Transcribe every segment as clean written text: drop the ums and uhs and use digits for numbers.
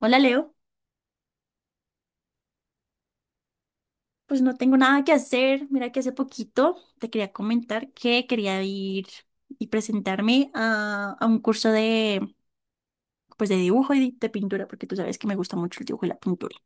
Hola Leo. Pues no tengo nada que hacer. Mira que hace poquito te quería comentar que quería ir y presentarme a un curso pues de dibujo y de pintura, porque tú sabes que me gusta mucho el dibujo y la pintura.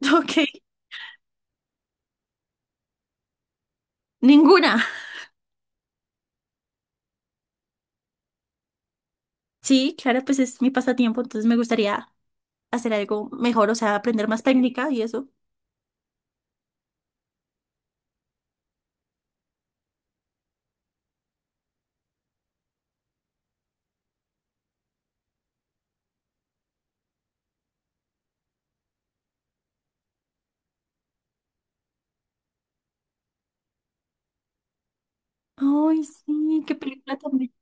Ok. Ninguna. Sí, claro, pues es mi pasatiempo, entonces me gustaría hacer algo mejor, o sea, aprender más técnica y eso. Ay, sí, qué película también.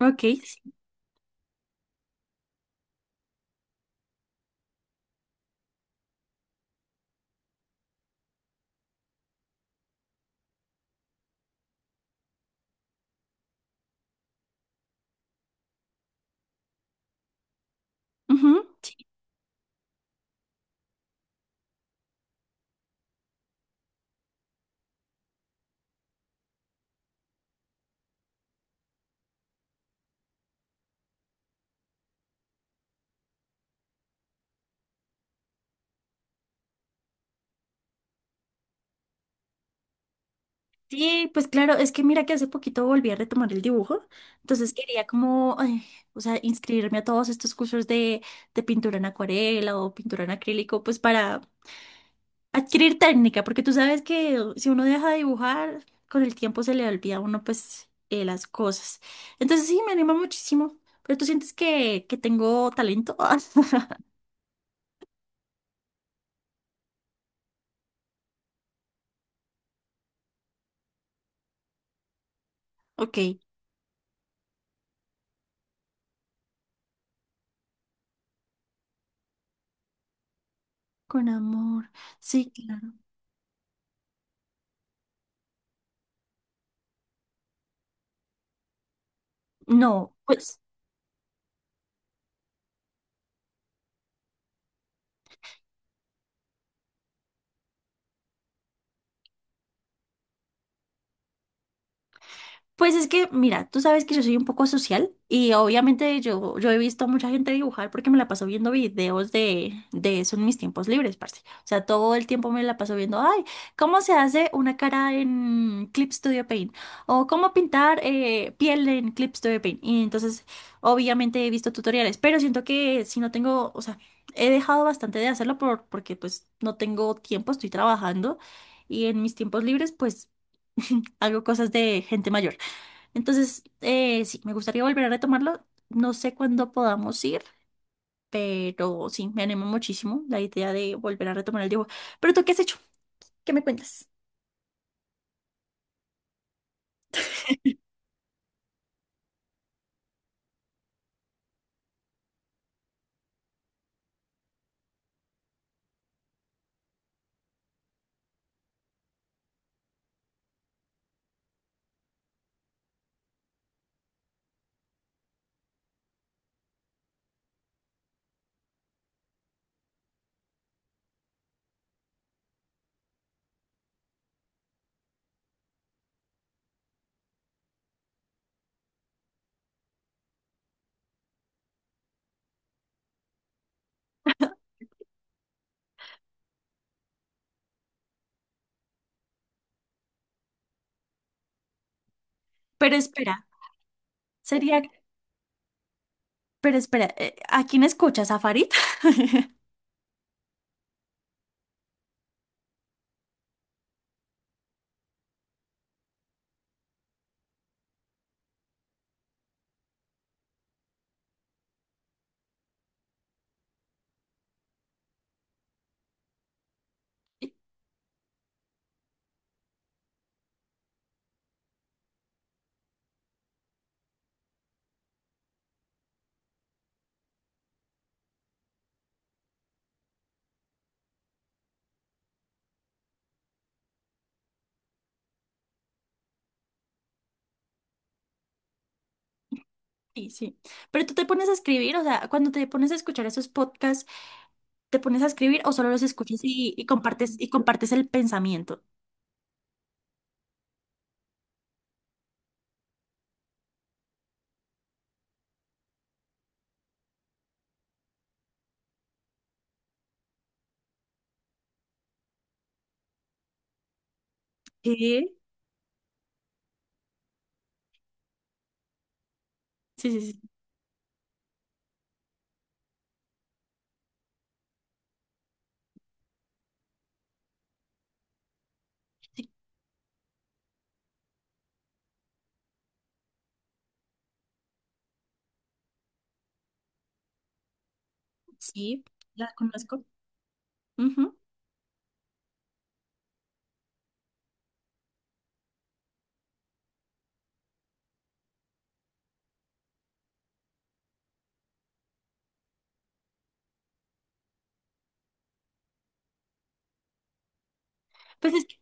Ok, sí. Ujú, sí. Sí, pues claro, es que mira que hace poquito volví a retomar el dibujo, entonces quería como, ay, o sea, inscribirme a todos estos cursos de pintura en acuarela o pintura en acrílico, pues para adquirir técnica, porque tú sabes que si uno deja de dibujar, con el tiempo se le olvida a uno pues las cosas. Entonces sí, me anima muchísimo, pero tú sientes que tengo talento. Ok, con amor, sí, claro. No, pues... Pues es que, mira, tú sabes que yo soy un poco social y obviamente yo he visto a mucha gente dibujar porque me la paso viendo videos de eso en mis tiempos libres, parce. O sea, todo el tiempo me la paso viendo, ay, cómo se hace una cara en Clip Studio Paint o cómo pintar piel en Clip Studio Paint. Y entonces, obviamente he visto tutoriales, pero siento que si no tengo, o sea, he dejado bastante de hacerlo porque pues no tengo tiempo, estoy trabajando y en mis tiempos libres pues hago cosas de gente mayor. Entonces, sí, me gustaría volver a retomarlo. No sé cuándo podamos ir, pero sí, me anima muchísimo la idea de volver a retomar el dibujo. Pero tú, ¿qué has hecho? ¿Qué me cuentas? Pero espera, sería, pero espera, ¿a quién escuchas? ¿A Farid? Sí, sí. Pero tú te pones a escribir, o sea, cuando te pones a escuchar esos podcasts, ¿te pones a escribir o solo los escuchas y compartes el pensamiento? ¿Qué? Sí, sí, sí. Sí, la conozco. Ujú. Pues es que,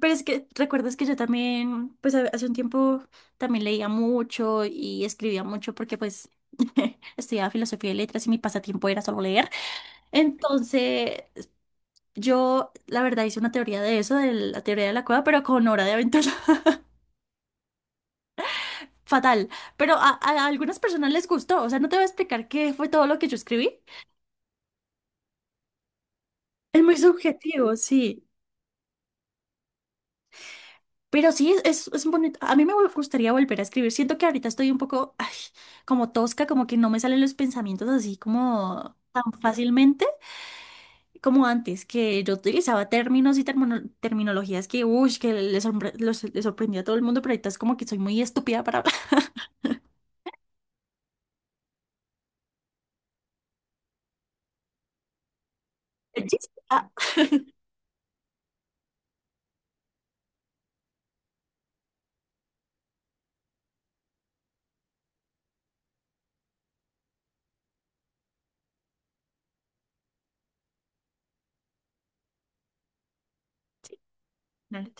pero es que recuerdas que yo también, pues ha- hace un tiempo también leía mucho y escribía mucho porque pues estudiaba filosofía y letras y mi pasatiempo era solo leer. Entonces yo la verdad hice una teoría de eso, de la teoría de la cueva, pero con Hora de Aventura. Fatal. Pero a algunas personas les gustó. O sea, no te voy a explicar qué fue todo lo que yo escribí. Es muy subjetivo, sí. Pero sí, es bonito. A mí me vol- gustaría volver a escribir. Siento que ahorita estoy un poco ay, como tosca, como que no me salen los pensamientos así como tan fácilmente como antes, que yo utilizaba términos y termono- terminologías que, uy, que le sorpre- los- le sorprendía a todo el mundo, pero ahorita es como que soy muy estúpida para hablar. El chiste, ah. Sí, dale.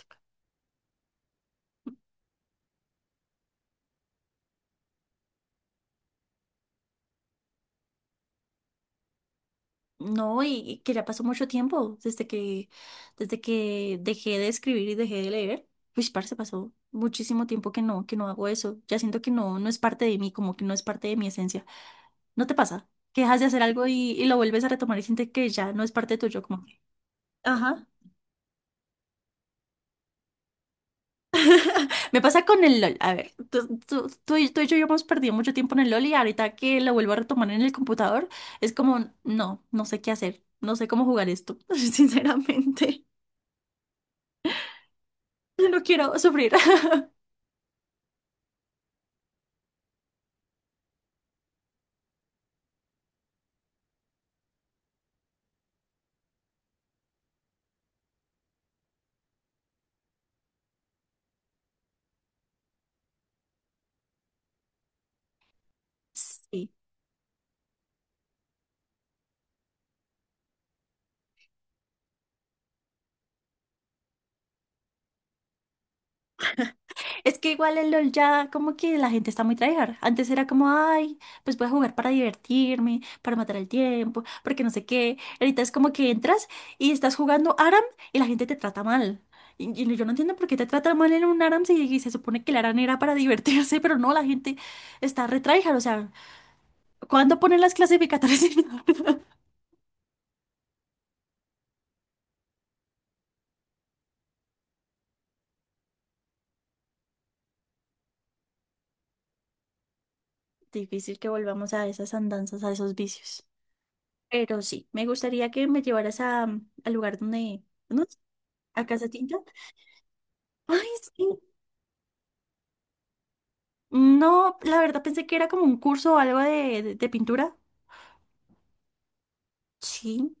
No, y que ya pasó mucho tiempo desde desde que dejé de escribir y dejé de leer. Uy, parce, pasó muchísimo tiempo que no hago eso. Ya siento que no, no es parte de mí, como que no es parte de mi esencia. ¿No te pasa? Que dejas de hacer algo y lo vuelves a retomar y sientes que ya no es parte tuyo, como que... Ajá. Me pasa con el LOL. A ver, tú y yo hemos perdido mucho tiempo en el LOL y ahorita que lo vuelvo a retomar en el computador, es como, no, no sé qué hacer, no sé cómo jugar esto, sinceramente. Yo no quiero sufrir. Sí, es que igual el LOL ya como que la gente está muy tryhard. Antes era como, ay, pues voy a jugar para divertirme, para matar el tiempo, porque no sé qué. Ahorita es como que entras y estás jugando ARAM y la gente te trata mal. Y yo no entiendo por qué te tratan mal en un ARAM si y se supone que el ARAM era para divertirse, pero no, la gente está re tryhard. O sea, ¿cuándo ponen las clasificatorias? Difícil que volvamos a esas andanzas, a esos vicios. Pero sí, me gustaría que me llevaras a, al lugar donde... ¿No? ¿A casa? Ay, sí. No, la verdad pensé que era como un curso o algo de pintura. Sí.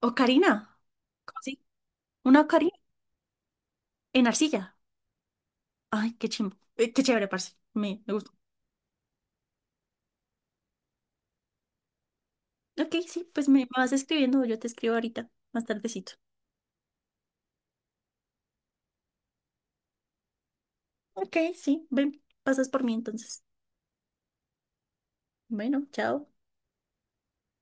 Ocarina. ¿Cómo así? Una ocarina en arcilla. Ay, qué chimbo. Qué chévere, parce. Me gustó. Ok, sí, pues me vas escribiendo. Yo te escribo ahorita, más tardecito. Ok, sí. Ven, pasas por mí entonces. Bueno, chao.